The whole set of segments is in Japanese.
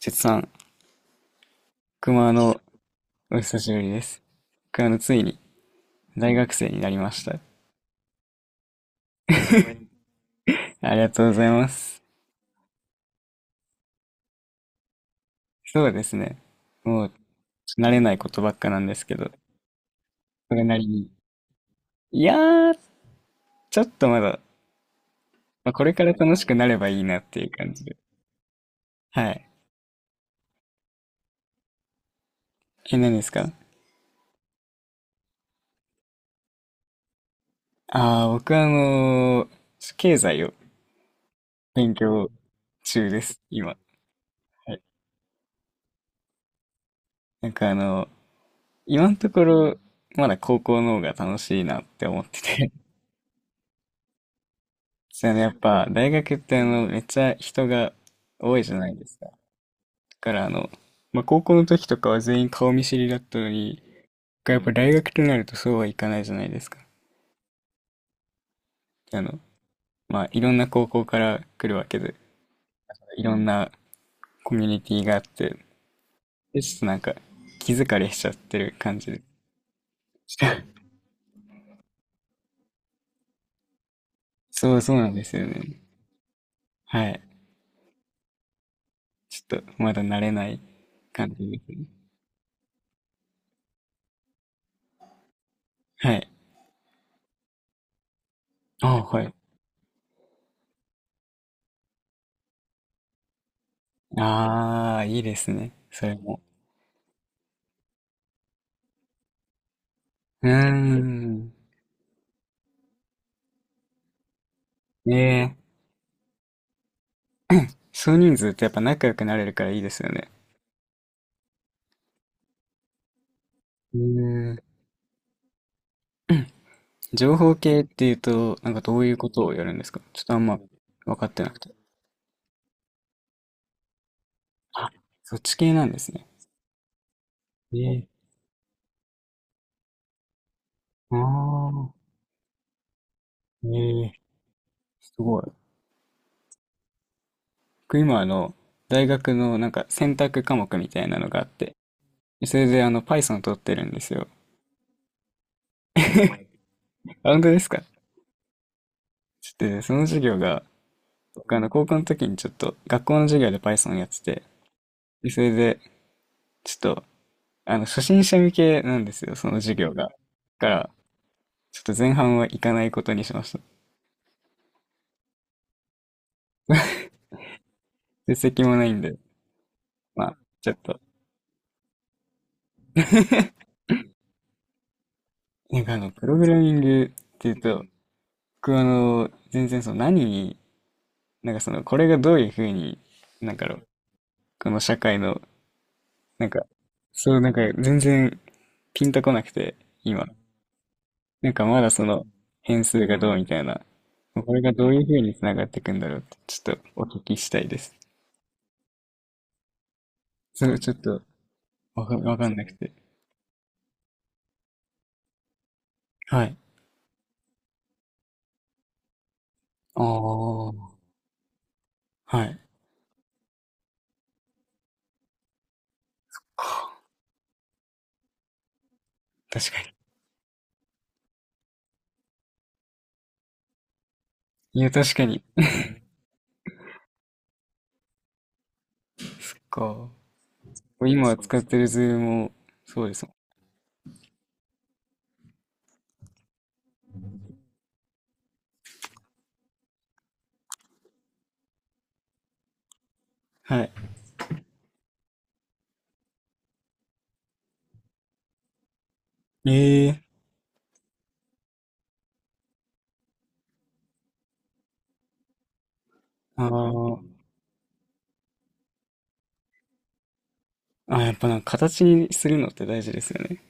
せつさん、熊のお久しぶりです。ついに大学生になりました。ありがとうございます。そうですね。もう慣れないことばっかなんですけど、それなりに。いやー、ちょっとまだ、まあ、これから楽しくなればいいなっていう感じで。はい。え、何ですか？ああ、僕は経済を勉強中です、今。はい。なんか今のところ、まだ高校の方が楽しいなって思ってて、そうね、やっぱ大学ってめっちゃ人が多いじゃないですか。だからまあ、高校の時とかは全員顔見知りだったのに、やっぱ大学となるとそうはいかないじゃないですか。あの、まあ、いろんな高校から来るわけで、いろんなコミュニティがあって、で、ちょっとなんか気疲れしちゃってる感じで。そうそうなんですよね。はい。ちょっとまだ慣れない感じですね。はい。あ、はい。ああ、いいですね。それも。うーん。ねえ、少人数ってやっぱ仲良くなれるからいいですよね。うーん。情報系っていうと、なんかどういうことをやるんですか？ちょっとあんま分かってなくて。あ、そっち系なんですね。ええ、ああ、ええ、すごい。僕今大学のなんか選択科目みたいなのがあって、それでPython 取ってるんですよ。あ、本当ですか？ちょっとね、その授業が、僕高校の時にちょっと学校の授業で Python やってて、でそれでちょっと初心者向けなんですよ、その授業が。だから、ちょっと前半は行かないことにしました。実績もないんで、まあ、ちょっと。なんかプログラミングっていうと、僕は全然その何に、なんかその、これがどういうふうに、なんかの、この社会の、なんか、そう、なんか全然ピンとこなくて、今。なんかまだその、変数がどうみたいな、これがどういうふうにつながっていくんだろうって、ちょっとお聞きしたいです。それちょっと、わかんなくて。はい。ああ、はい。確かに。いや、確かに。か、今使ってるズームも、そうですもん。はい。ええ、あー、あ、やっぱなんか形にするのって大事ですよね。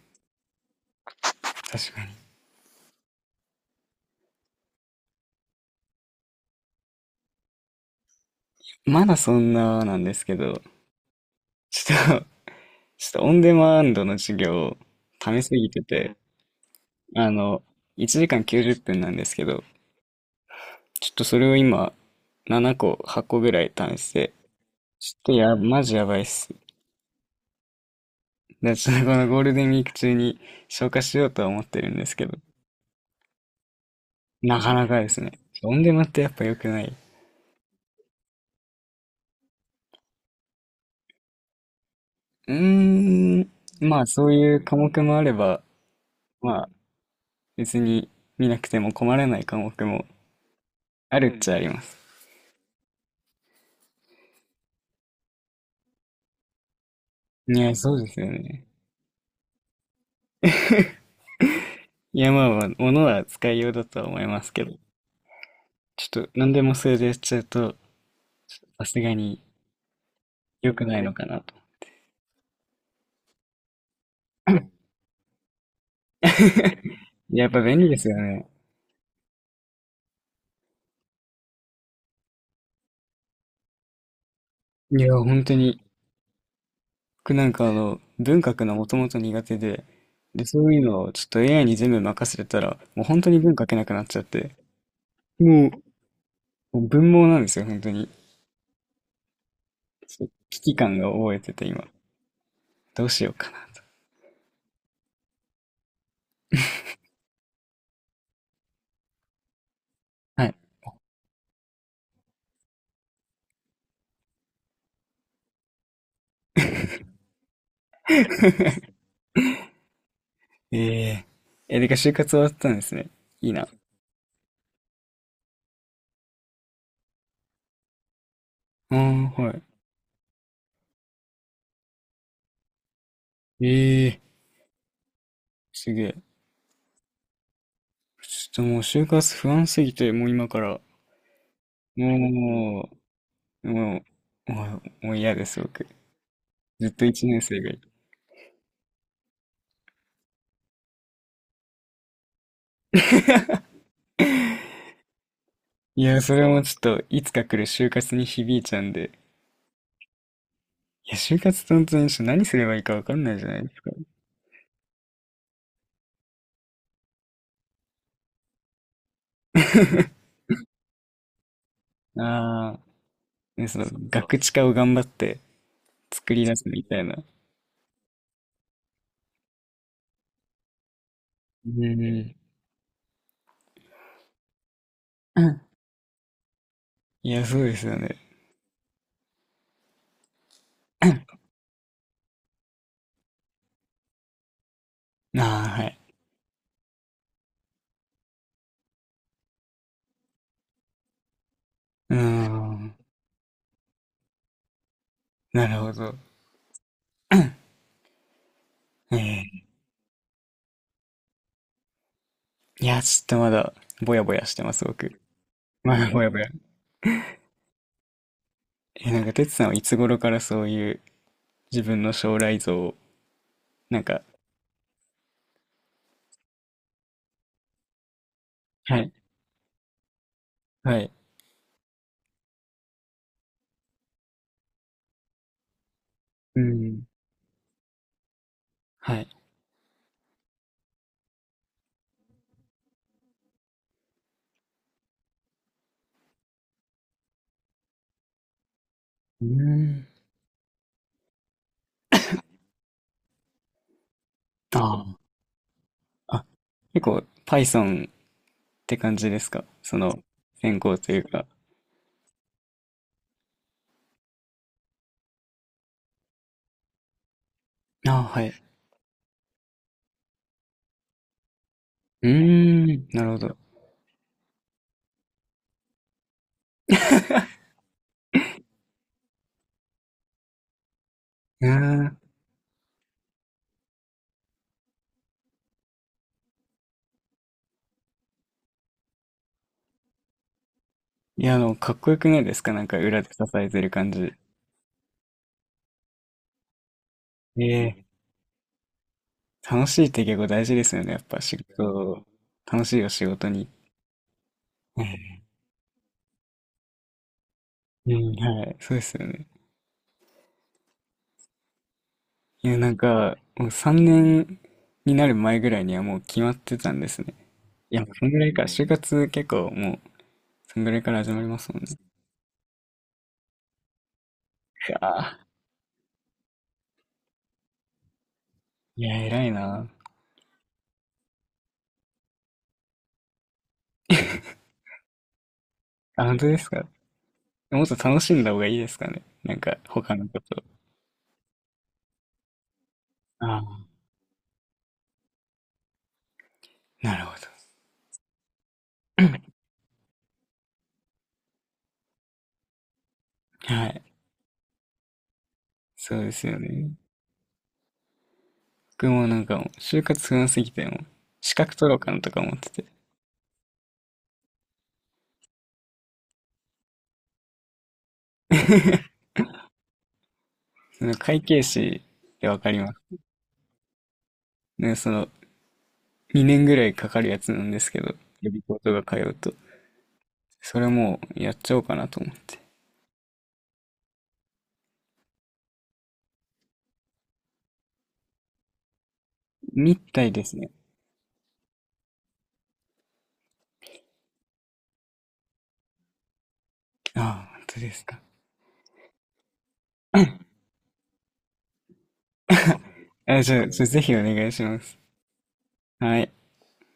確かに。まだそんななんですけど、ちょっと ちょっとオンデマンドの授業を溜すぎてて、あの、1時間90分なんですけど、ちょっとそれを今、7個、8個ぐらい試して、ちょっとマジやばいっす。で、それこのゴールデンウィーク中に消化しようとは思ってるんですけど、なかなかですね。オンデマってやっぱ良くない。うーん、まあそういう科目もあれば、まあ別に見なくても困らない科目もあるっちゃあります。いや、そうですよね。いや、まあまあ、物は使いようだとは思いますけど、ちょっと何でもそれでやっちゃうと、さすがに良くないのかなと。やっぱ便利ですよね。いや、本当に。僕なんか文学がもともと苦手で、で、そういうのをちょっと AI に全部任せてたら、もう本当に文書けなくなっちゃって、もう、もう、文盲なんですよ、本当に。ちょっと危機感が覚えてて今。どうしようかなと。はい。ええー、え、でか、就活終わったんですね。いいな。ああ、はい。ええー、すげえ。ちょっともう就活不安すぎて、もう今から、もう、もう、ももう嫌です、僕。ずっと一年生が、いや、それもちょっと、いつか来る就活に響いちゃうんで。いや、就活って本当にちょっと何すればいいかわかんないじゃないですか。ああ、ね、その、ガクチカを頑張って作り出すみたいな。うん。うん、いや、そうですよね。うん、ああ、はい。うーん。なるほど。うん、いや、ちょっとまだ、ぼやぼやしてます、僕。まだぼやぼや。なんか、てつさんはいつ頃からそういう自分の将来像を、なんか、はい、はい。うん。はい。うん。ああ。あ、結構 Python って感じですか？その、専攻というか。ああ、はい。うーん、なるほど。うーん。いや、かっこよくないですか？なんか裏で支えてる感じ。ええ、楽しいって結構大事ですよね。やっぱ仕事、楽しいよ、仕事に。うん、はい、そうですよね。いや、なんか、もう3年になる前ぐらいにはもう決まってたんですね。いや、もうそんぐらいから、就活結構もう、そんぐらいから始まりますもんね。いやー、いや、偉いな。あ、本当ですか？もっと楽しんだ方がいいですかね。なんか、他のこと。ああ、なるほど。はい。そうですよね。僕もなんかもう、就活不安すぎて、もう、資格取ろうかなとか思ってて。その会計士ってわかります？ね、その、2年ぐらいかかるやつなんですけど、予備校とか通うと。それもう、やっちゃおうかなと思って。みたいですね。ああ、本当ですか。あ、じゃあ、ぜひお願いします。はい。